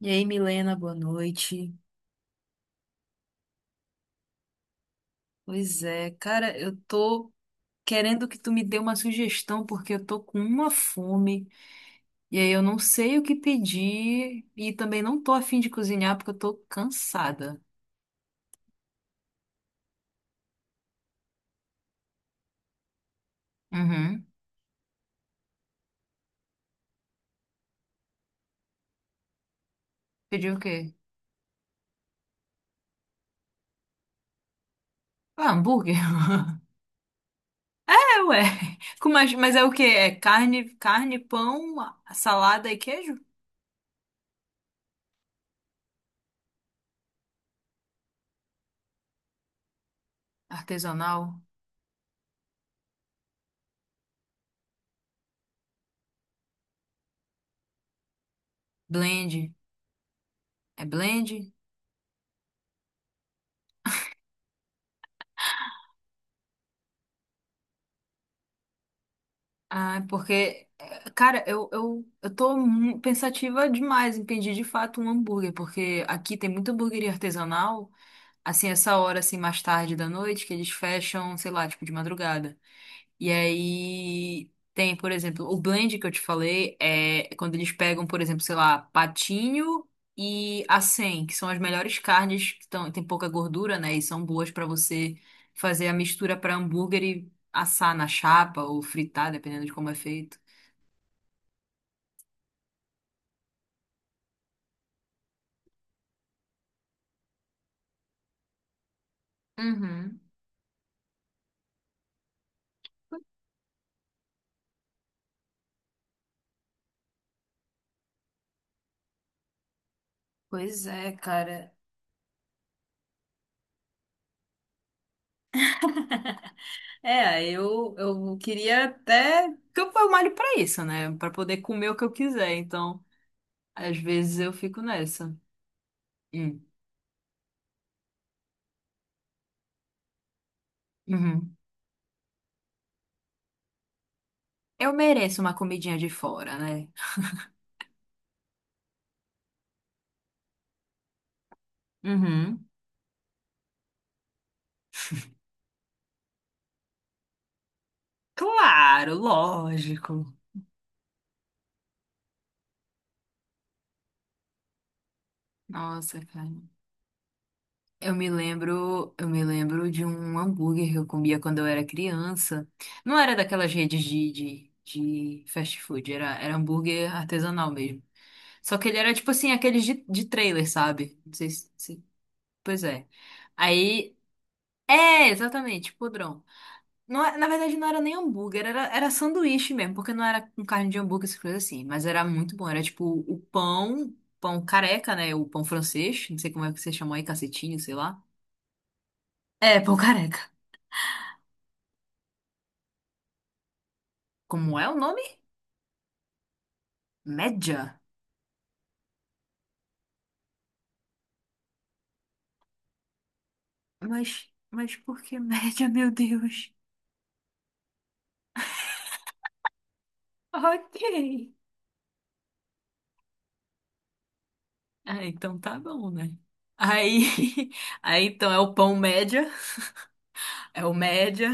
E aí, Milena, boa noite. Pois é, cara, eu tô querendo que tu me dê uma sugestão, porque eu tô com uma fome, e aí eu não sei o que pedir, e também não tô afim de cozinhar, porque eu tô cansada. Uhum. Pedir o quê? Ah, hambúrguer? É, ué. Mas é o quê? É carne, pão, salada e queijo? Artesanal? Blend? É blend? Ah, porque, cara, eu tô pensativa demais em pedir de fato um hambúrguer, porque aqui tem muita hambúrgueria artesanal, assim, essa hora, assim, mais tarde da noite, que eles fecham, sei lá, tipo, de madrugada. E aí tem, por exemplo, o blend que eu te falei é quando eles pegam, por exemplo, sei lá, patinho e acém, que são as melhores carnes que tão, tem pouca gordura, né? E são boas pra você fazer a mistura pra hambúrguer e assar na chapa ou fritar, dependendo de como é feito. Uhum. Pois é, cara. É, eu queria até. Porque eu malho pra isso, né? Pra poder comer o que eu quiser. Então, às vezes eu fico nessa. Hum. Uhum. Eu mereço uma comidinha de fora, né? Uhum. Claro, lógico. Nossa, cara. Eu me lembro de um hambúrguer que eu comia quando eu era criança. Não era daquelas redes de fast food, era hambúrguer artesanal mesmo. Só que ele era tipo assim, aqueles de trailer, sabe? Não sei se. Pois é. Aí. É, exatamente, podrão. Na verdade, não era nem hambúrguer, era sanduíche mesmo, porque não era com carne de hambúrguer, essas coisas assim. Mas era muito bom. Era tipo o pão, pão careca, né? O pão francês. Não sei como é que você chamou aí, cacetinho, sei lá. É, pão careca. Como é o nome? Média. Mas por que média, meu Deus? Ok. Ah, então tá bom, né? Aí, aí então é o pão média, é o média.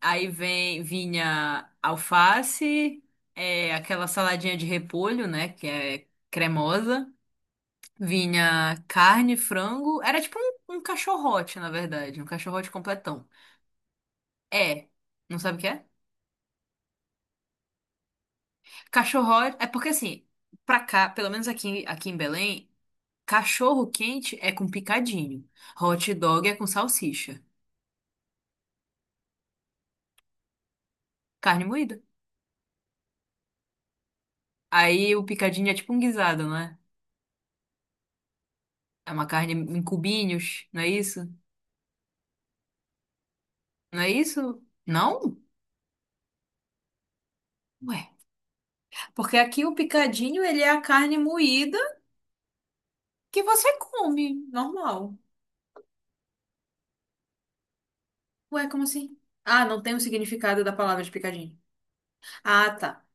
Aí vem, vinha alface, é, aquela saladinha de repolho, né? Que é cremosa. Vinha carne, frango. Era tipo um cachorrote, na verdade. Um cachorrote completão. É. Não sabe o que é? Cachorrote. É porque assim, pra cá, pelo menos aqui, aqui em Belém, cachorro quente é com picadinho. Hot dog é com salsicha. Carne moída. Aí o picadinho é tipo um guisado, não é? É uma carne em cubinhos, não é isso? Não é isso? Não? Ué. Porque aqui o picadinho, ele é a carne moída que você come, normal. Ué, como assim? Ah, não tem o significado da palavra de picadinho. Ah, tá.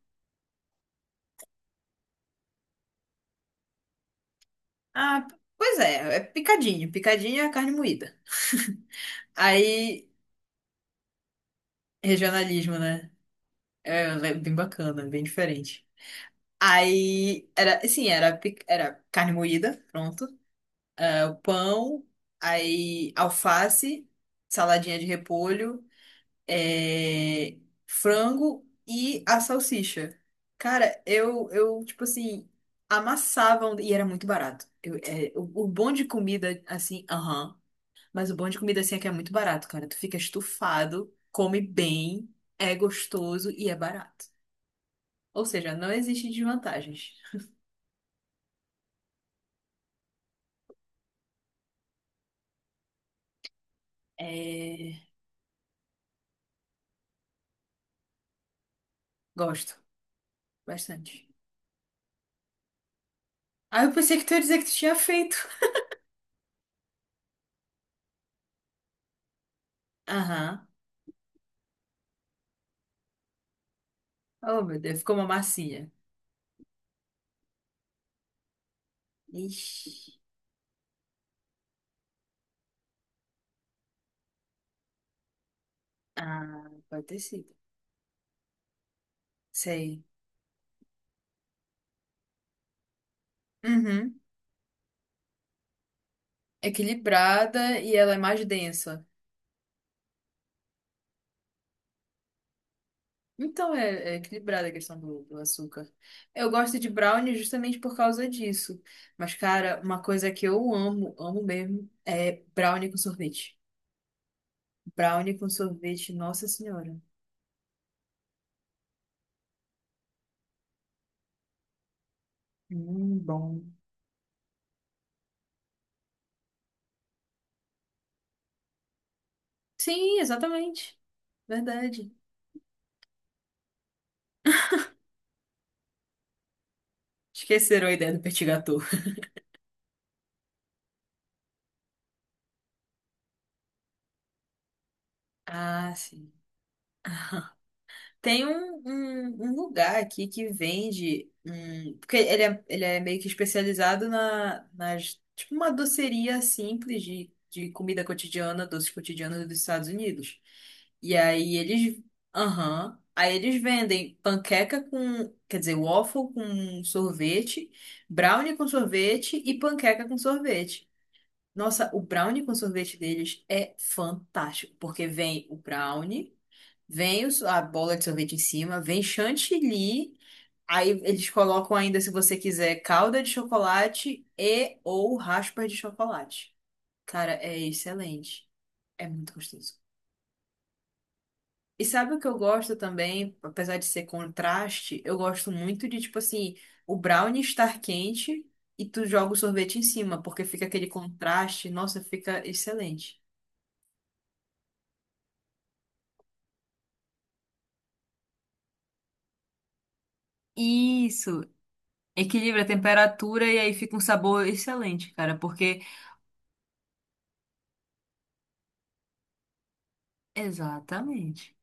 Ah, pois é, é picadinho. Picadinho é a carne moída. Aí, regionalismo, né? É é bem bacana, bem diferente. Aí, era, sim, era, pic- era carne moída, pronto. Ah, o pão, aí alface, saladinha de repolho. É, frango e a salsicha. Cara, tipo assim, amassavam e era muito barato. O bom de comida, assim, aham, mas o bom de comida, assim, é que é muito barato, cara. Tu fica estufado, come bem, é gostoso e é barato. Ou seja, não existe desvantagens. É, gosto bastante. Ah, eu pensei que tu ia dizer que tu tinha feito. Aham. Oh, meu Deus, ficou uma massinha. Ixi. Ah, pode ter sido. Sei. Uhum. Equilibrada e ela é mais densa. Então é, é equilibrada a questão do, do açúcar. Eu gosto de brownie justamente por causa disso. Mas, cara, uma coisa que eu amo, amo mesmo, é brownie com sorvete. Brownie com sorvete, nossa senhora. Bom. Sim, exatamente. Verdade. Esqueceram a ideia do petit gâteau. Ah, sim. Tem um lugar aqui que vende. Hum, porque ele é meio que especializado nas. Tipo uma doceria simples de comida cotidiana, doces cotidianos dos Estados Unidos. E aí eles. Aham. Aí eles vendem panqueca com. Quer dizer, waffle com sorvete, brownie com sorvete e panqueca com sorvete. Nossa, o brownie com sorvete deles é fantástico, porque vem o brownie. A bola de sorvete em cima, vem chantilly. Aí eles colocam ainda, se você quiser, calda de chocolate e ou raspa de chocolate. Cara, é excelente. É muito gostoso. E sabe o que eu gosto também? Apesar de ser contraste, eu gosto muito de, tipo assim, o brownie estar quente e tu joga o sorvete em cima, porque fica aquele contraste. Nossa, fica excelente. Isso, equilibra a temperatura e aí fica um sabor excelente, cara, porque exatamente.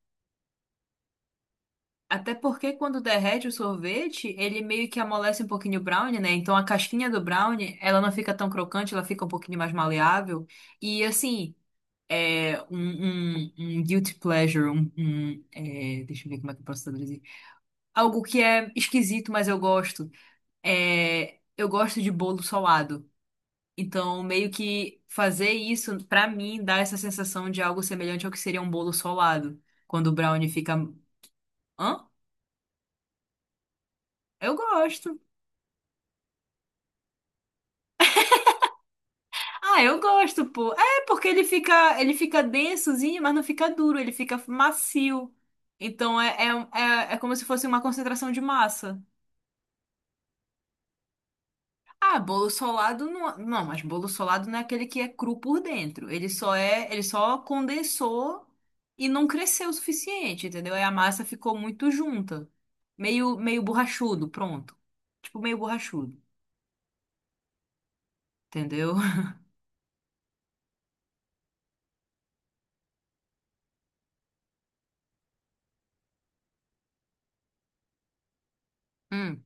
Até porque quando derrete o sorvete, ele meio que amolece um pouquinho o brownie, né? Então a casquinha do brownie, ela não fica tão crocante, ela fica um pouquinho mais maleável. E assim, é um guilty pleasure, deixa eu ver como é que eu posso traduzir. Algo que é esquisito, mas eu gosto. É, eu gosto de bolo solado. Então, meio que fazer isso, pra mim, dá essa sensação de algo semelhante ao que seria um bolo solado. Quando o brownie fica. Hã? Eu gosto. Ah, eu gosto, pô. É porque ele fica densozinho, mas não fica duro, ele fica macio. Então é como se fosse uma concentração de massa. Ah, bolo solado não, não, mas bolo solado não é aquele que é cru por dentro. Ele só condensou e não cresceu o suficiente, entendeu? E a massa ficou muito junta, meio borrachudo, pronto. Tipo meio borrachudo, entendeu? Hum,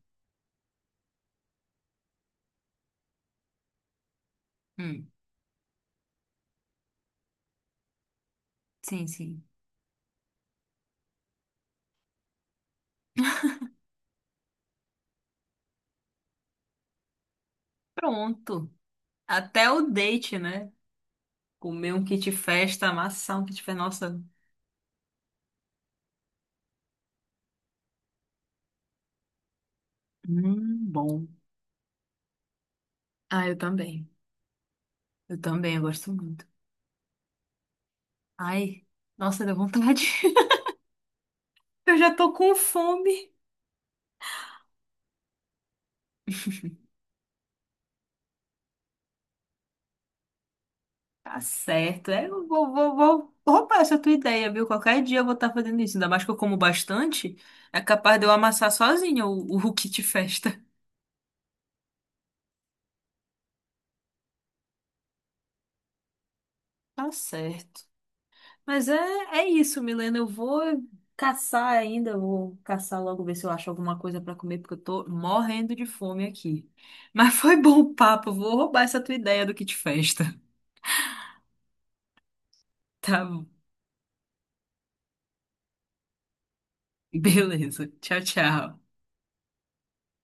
hum. Sim, sim. Pronto. Até o date, né? Comer um kit festa, amassar um kit festa. Nossa, bom. Ah, eu também. Eu também, eu gosto muito. Ai, nossa, deu vontade. Eu já tô com fome. Tá certo. É, eu vou, vou roubar essa tua ideia, viu? Qualquer dia eu vou estar fazendo isso. Ainda mais que eu como bastante. É capaz de eu amassar sozinha o kit festa. Tá certo. Mas é, é isso, Milena. Eu vou caçar ainda, eu vou caçar logo, ver se eu acho alguma coisa para comer, porque eu tô morrendo de fome aqui. Mas foi bom o papo, eu vou roubar essa tua ideia do kit festa. Tá bom. Beleza. Tchau, tchau.